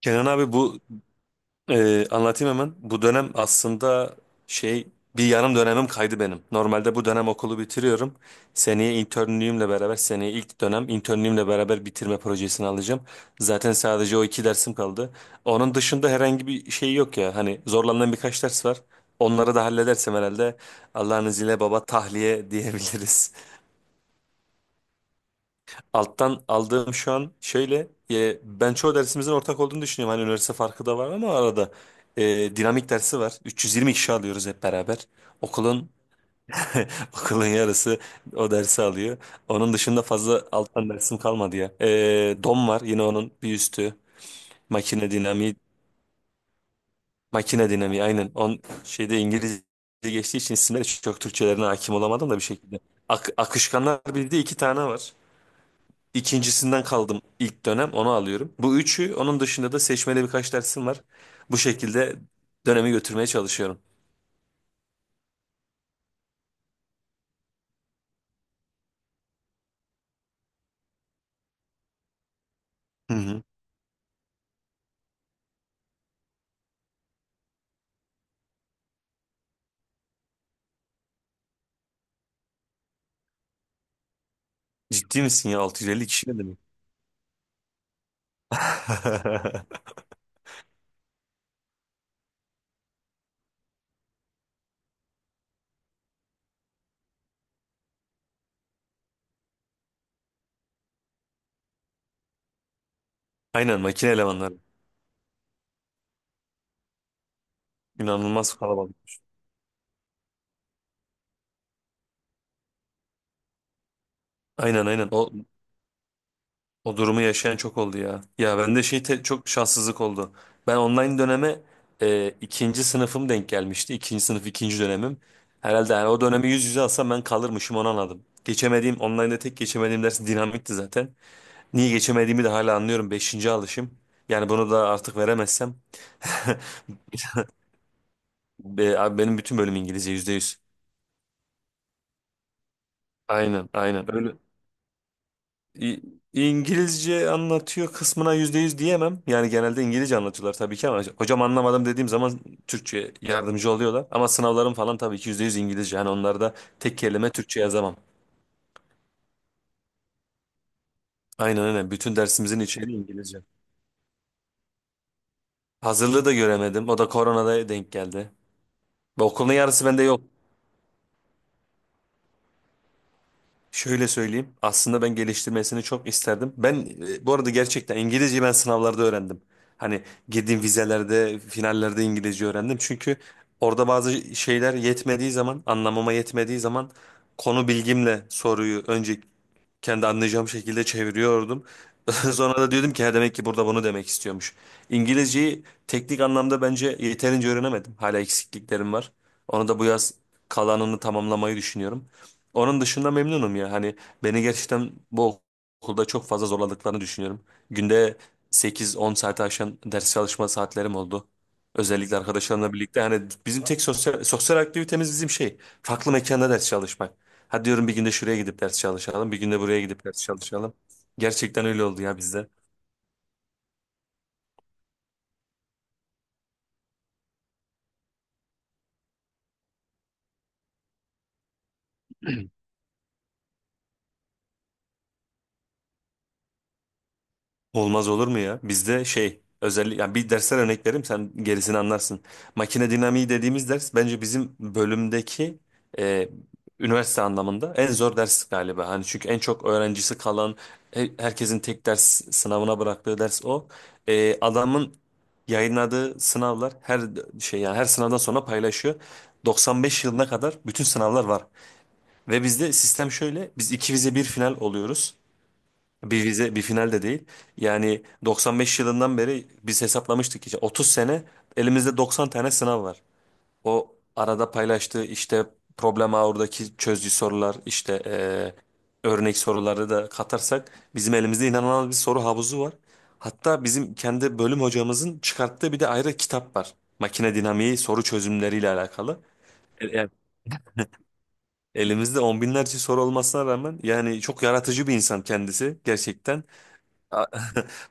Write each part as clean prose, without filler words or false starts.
Kenan abi bu anlatayım hemen. Bu dönem aslında şey bir yarım dönemim kaydı benim. Normalde bu dönem okulu bitiriyorum. Seneye ilk dönem internliğimle beraber bitirme projesini alacağım. Zaten sadece o iki dersim kaldı. Onun dışında herhangi bir şey yok ya. Hani zorlandığım birkaç ders var. Onları da halledersem herhalde Allah'ın izniyle baba tahliye diyebiliriz. Alttan aldığım şu an şöyle ben çoğu dersimizin ortak olduğunu düşünüyorum. Hani üniversite farkı da var ama arada dinamik dersi var. 320 kişi alıyoruz hep beraber. Okulun okulun yarısı o dersi alıyor. Onun dışında fazla alttan dersim kalmadı ya. Dom var yine onun bir üstü. Makine dinamiği, makine dinamiği, aynen. On şeyde İngilizce geçtiği için isimleri çok Türkçelerine hakim olamadım da bir şekilde. Akışkanlar bildiği iki tane var. İkincisinden kaldım, ilk dönem onu alıyorum. Bu üçü, onun dışında da seçmeli birkaç dersim var. Bu şekilde dönemi götürmeye çalışıyorum. Hı hı. Ciddi misin ya, 650 kişi ne demek? Aynen, makine elemanları. İnanılmaz kalabalık. Aynen, aynen, o durumu yaşayan çok oldu ya. Ya bende şey, çok şanssızlık oldu. Ben online döneme ikinci sınıfım denk gelmişti. İkinci sınıf ikinci dönemim. Herhalde yani o dönemi yüz yüze alsam ben kalırmışım, onu anladım. Geçemediğim online'da tek geçemediğim ders dinamikti zaten. Niye geçemediğimi de hala anlıyorum. Beşinci alışım. Yani bunu da artık veremezsem. Abi benim bütün bölüm İngilizce, yüzde yüz. Aynen, aynen. Öyle. İ- İngilizce anlatıyor kısmına yüzde yüz diyemem. Yani genelde İngilizce anlatıyorlar tabii ki ama hocam, anlamadım dediğim zaman Türkçe yardımcı oluyorlar. Ama sınavlarım falan tabii ki yüzde yüz İngilizce. Yani onlarda tek kelime Türkçe yazamam. Aynen öyle. Bütün dersimizin içeriği. Hazırlığı da göremedim. O da koronada denk geldi. Ve okulun yarısı bende yok. Şöyle söyleyeyim. Aslında ben geliştirmesini çok isterdim. Ben bu arada gerçekten İngilizceyi ben sınavlarda öğrendim. Hani girdiğim vizelerde, finallerde İngilizce öğrendim. Çünkü orada bazı şeyler yetmediği zaman, anlamama yetmediği zaman konu bilgimle soruyu önce kendi anlayacağım şekilde çeviriyordum. Sonra da diyordum ki "Ha, demek ki burada bunu demek istiyormuş." İngilizceyi teknik anlamda bence yeterince öğrenemedim. Hala eksikliklerim var. Onu da bu yaz kalanını tamamlamayı düşünüyorum. Onun dışında memnunum ya. Hani beni gerçekten bu okulda çok fazla zorladıklarını düşünüyorum. Günde sekiz on saate aşan ders çalışma saatlerim oldu. Özellikle arkadaşlarımla birlikte hani bizim tek sosyal aktivitemiz bizim şey, farklı mekanda ders çalışmak. Hadi diyorum, bir günde şuraya gidip ders çalışalım, bir günde buraya gidip ders çalışalım. Gerçekten öyle oldu ya bizde. Olmaz olur mu ya? Bizde şey, özellikle yani bir dersler örnek vereyim, sen gerisini anlarsın. Makine dinamiği dediğimiz ders bence bizim bölümdeki e, üniversite anlamında en zor ders galiba. Hani çünkü en çok öğrencisi kalan, herkesin tek ders sınavına bıraktığı ders o. Adamın yayınladığı sınavlar, her şey yani, her sınavdan sonra paylaşıyor. 95 yılına kadar bütün sınavlar var. Ve bizde sistem şöyle. Biz iki vize bir final oluyoruz. Bir vize, bir final de değil. Yani 95 yılından beri biz hesaplamıştık, işte 30 sene, elimizde 90 tane sınav var. O arada paylaştığı işte problem ağırdaki çözdüğü sorular, işte örnek soruları da katarsak bizim elimizde inanılmaz bir soru havuzu var. Hatta bizim kendi bölüm hocamızın çıkarttığı bir de ayrı kitap var. Makine dinamiği soru çözümleriyle alakalı. E- e- Elimizde on binlerce soru olmasına rağmen yani, çok yaratıcı bir insan kendisi gerçekten. A-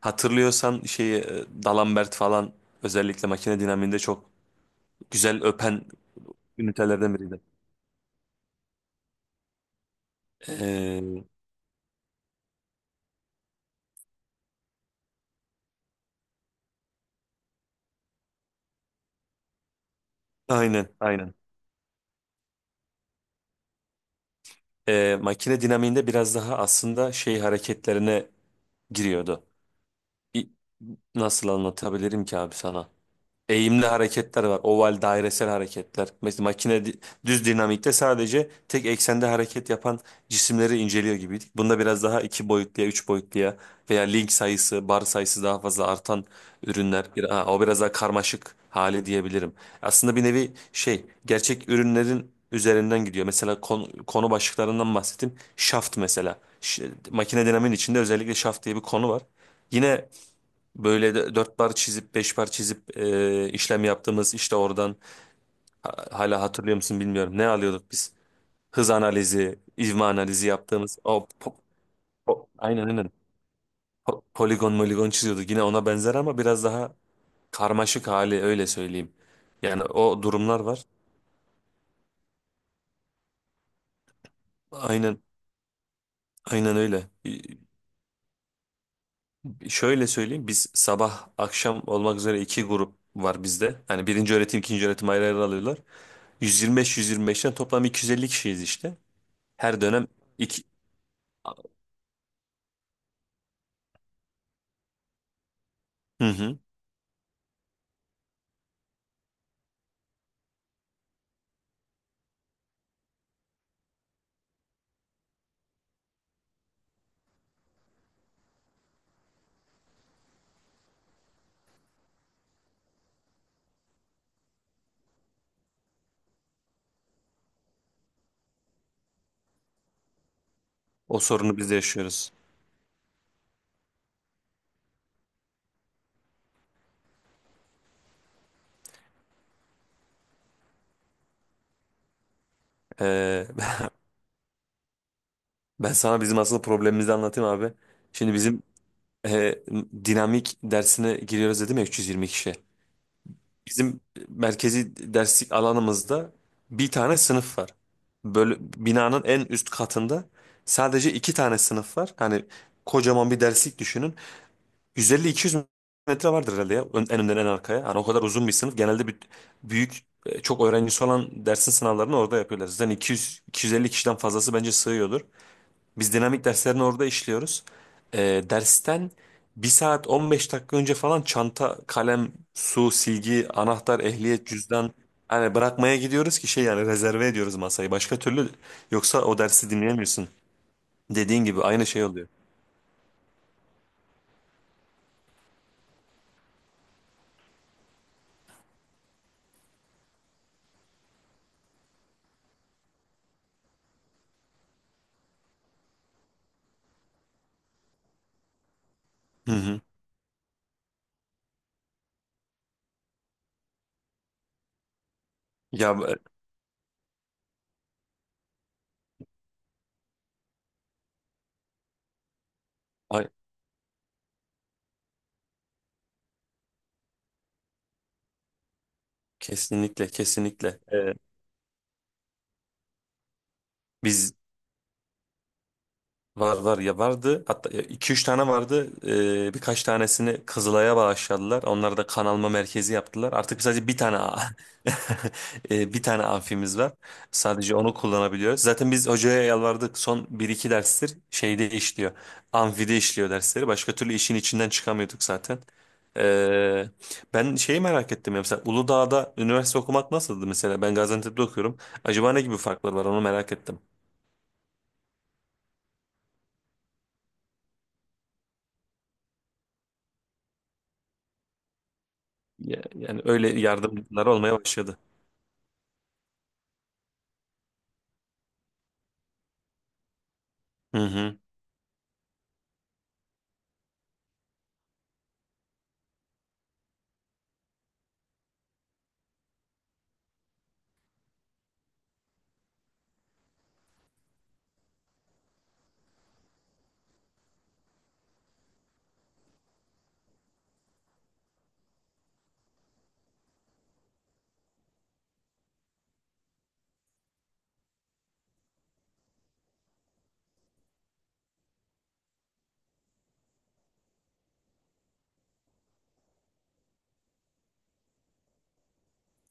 Hatırlıyorsan şeyi, D'Alembert falan özellikle makine dinamiğinde çok güzel öpen ünitelerden biriydi. Ee, aynen, aynen. Makine dinamiğinde biraz daha aslında şey hareketlerine giriyordu. İ- Nasıl anlatabilirim ki abi sana? Eğimli hareketler var. Oval, dairesel hareketler. Mesela düz dinamikte sadece tek eksende hareket yapan cisimleri inceliyor gibiydik. Bunda biraz daha iki boyutluya, üç boyutluya veya link sayısı, bar sayısı daha fazla artan ürünler. Ha, o biraz daha karmaşık hali diyebilirim. Aslında bir nevi şey, gerçek ürünlerin üzerinden gidiyor. Mesela konu başlıklarından bahsettim. Şaft mesela. Makine dinamiğin içinde özellikle şaft diye bir konu var. Yine böyle de dört bar çizip beş bar çizip işlem yaptığımız işte, oradan hala hatırlıyor musun bilmiyorum. Ne alıyorduk biz? Hız analizi, ivme analizi yaptığımız o aynen, aynen, poligon moligon çiziyorduk. Yine ona benzer ama biraz daha karmaşık hali, öyle söyleyeyim. Yani o durumlar var. Aynen, aynen öyle. Şöyle söyleyeyim, biz sabah akşam olmak üzere iki grup var bizde. Yani birinci öğretim, ikinci öğretim ayrı ayrı alıyorlar. Yüz yirmi beş, 125'ten toplam 250 kişiyiz işte. Her dönem iki... Hı hı. O sorunu biz de yaşıyoruz. Ee, Ben sana bizim aslında problemimizi anlatayım abi. Şimdi bizim e, dinamik dersine giriyoruz dedim ya, 320 kişi. Bizim merkezi derslik alanımızda bir tane sınıf var. Böyle binanın en üst katında sadece iki tane sınıf var. Hani kocaman bir derslik düşünün. 150-200 metre vardır herhalde ya. En önden en arkaya. Yani o kadar uzun bir sınıf. Genelde, bir, büyük çok öğrencisi olan dersin sınavlarını orada yapıyorlar. Zaten 200-250 kişiden fazlası bence sığıyordur. Biz dinamik derslerini orada işliyoruz. Dersten bir saat 15 dakika önce falan çanta, kalem, su, silgi, anahtar, ehliyet, cüzdan, hani bırakmaya gidiyoruz ki şey, yani rezerve ediyoruz masayı. Başka türlü, yoksa o dersi dinleyemiyorsun. Dediğin gibi aynı şey oluyor. Hı hı. Ya e, ay- Kesinlikle, kesinlikle. Biz Var var ya, vardı, hatta 2-3 tane vardı. Birkaç tanesini Kızılay'a bağışladılar, onları da kan alma merkezi yaptılar, artık sadece bir tane a- Bir tane amfimiz var, sadece onu kullanabiliyoruz. Zaten biz hocaya yalvardık, son bir iki derstir şeyde işliyor, amfide işliyor dersleri, başka türlü işin içinden çıkamıyorduk zaten. Ee, Ben şeyi merak ettim ya, mesela Uludağ'da üniversite okumak nasıldı? Mesela ben Gaziantep'te okuyorum, acaba ne gibi farklar var, onu merak ettim. Yani öyle yardımcılar olmaya başladı. Hı hı.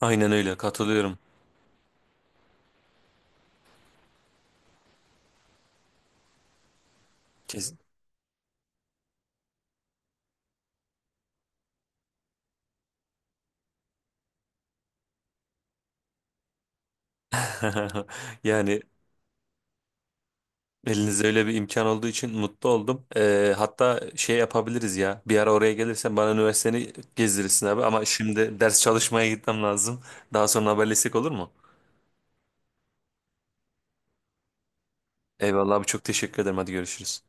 Aynen öyle, katılıyorum. Kesin. Yani elinizde öyle bir imkan olduğu için mutlu oldum. Hatta şey yapabiliriz ya. Bir ara oraya gelirsen bana üniversiteni gezdirirsin abi. Ama şimdi ders çalışmaya gitmem lazım. Daha sonra haberleşsek olur mu? Eyvallah abi, çok teşekkür ederim. Hadi görüşürüz.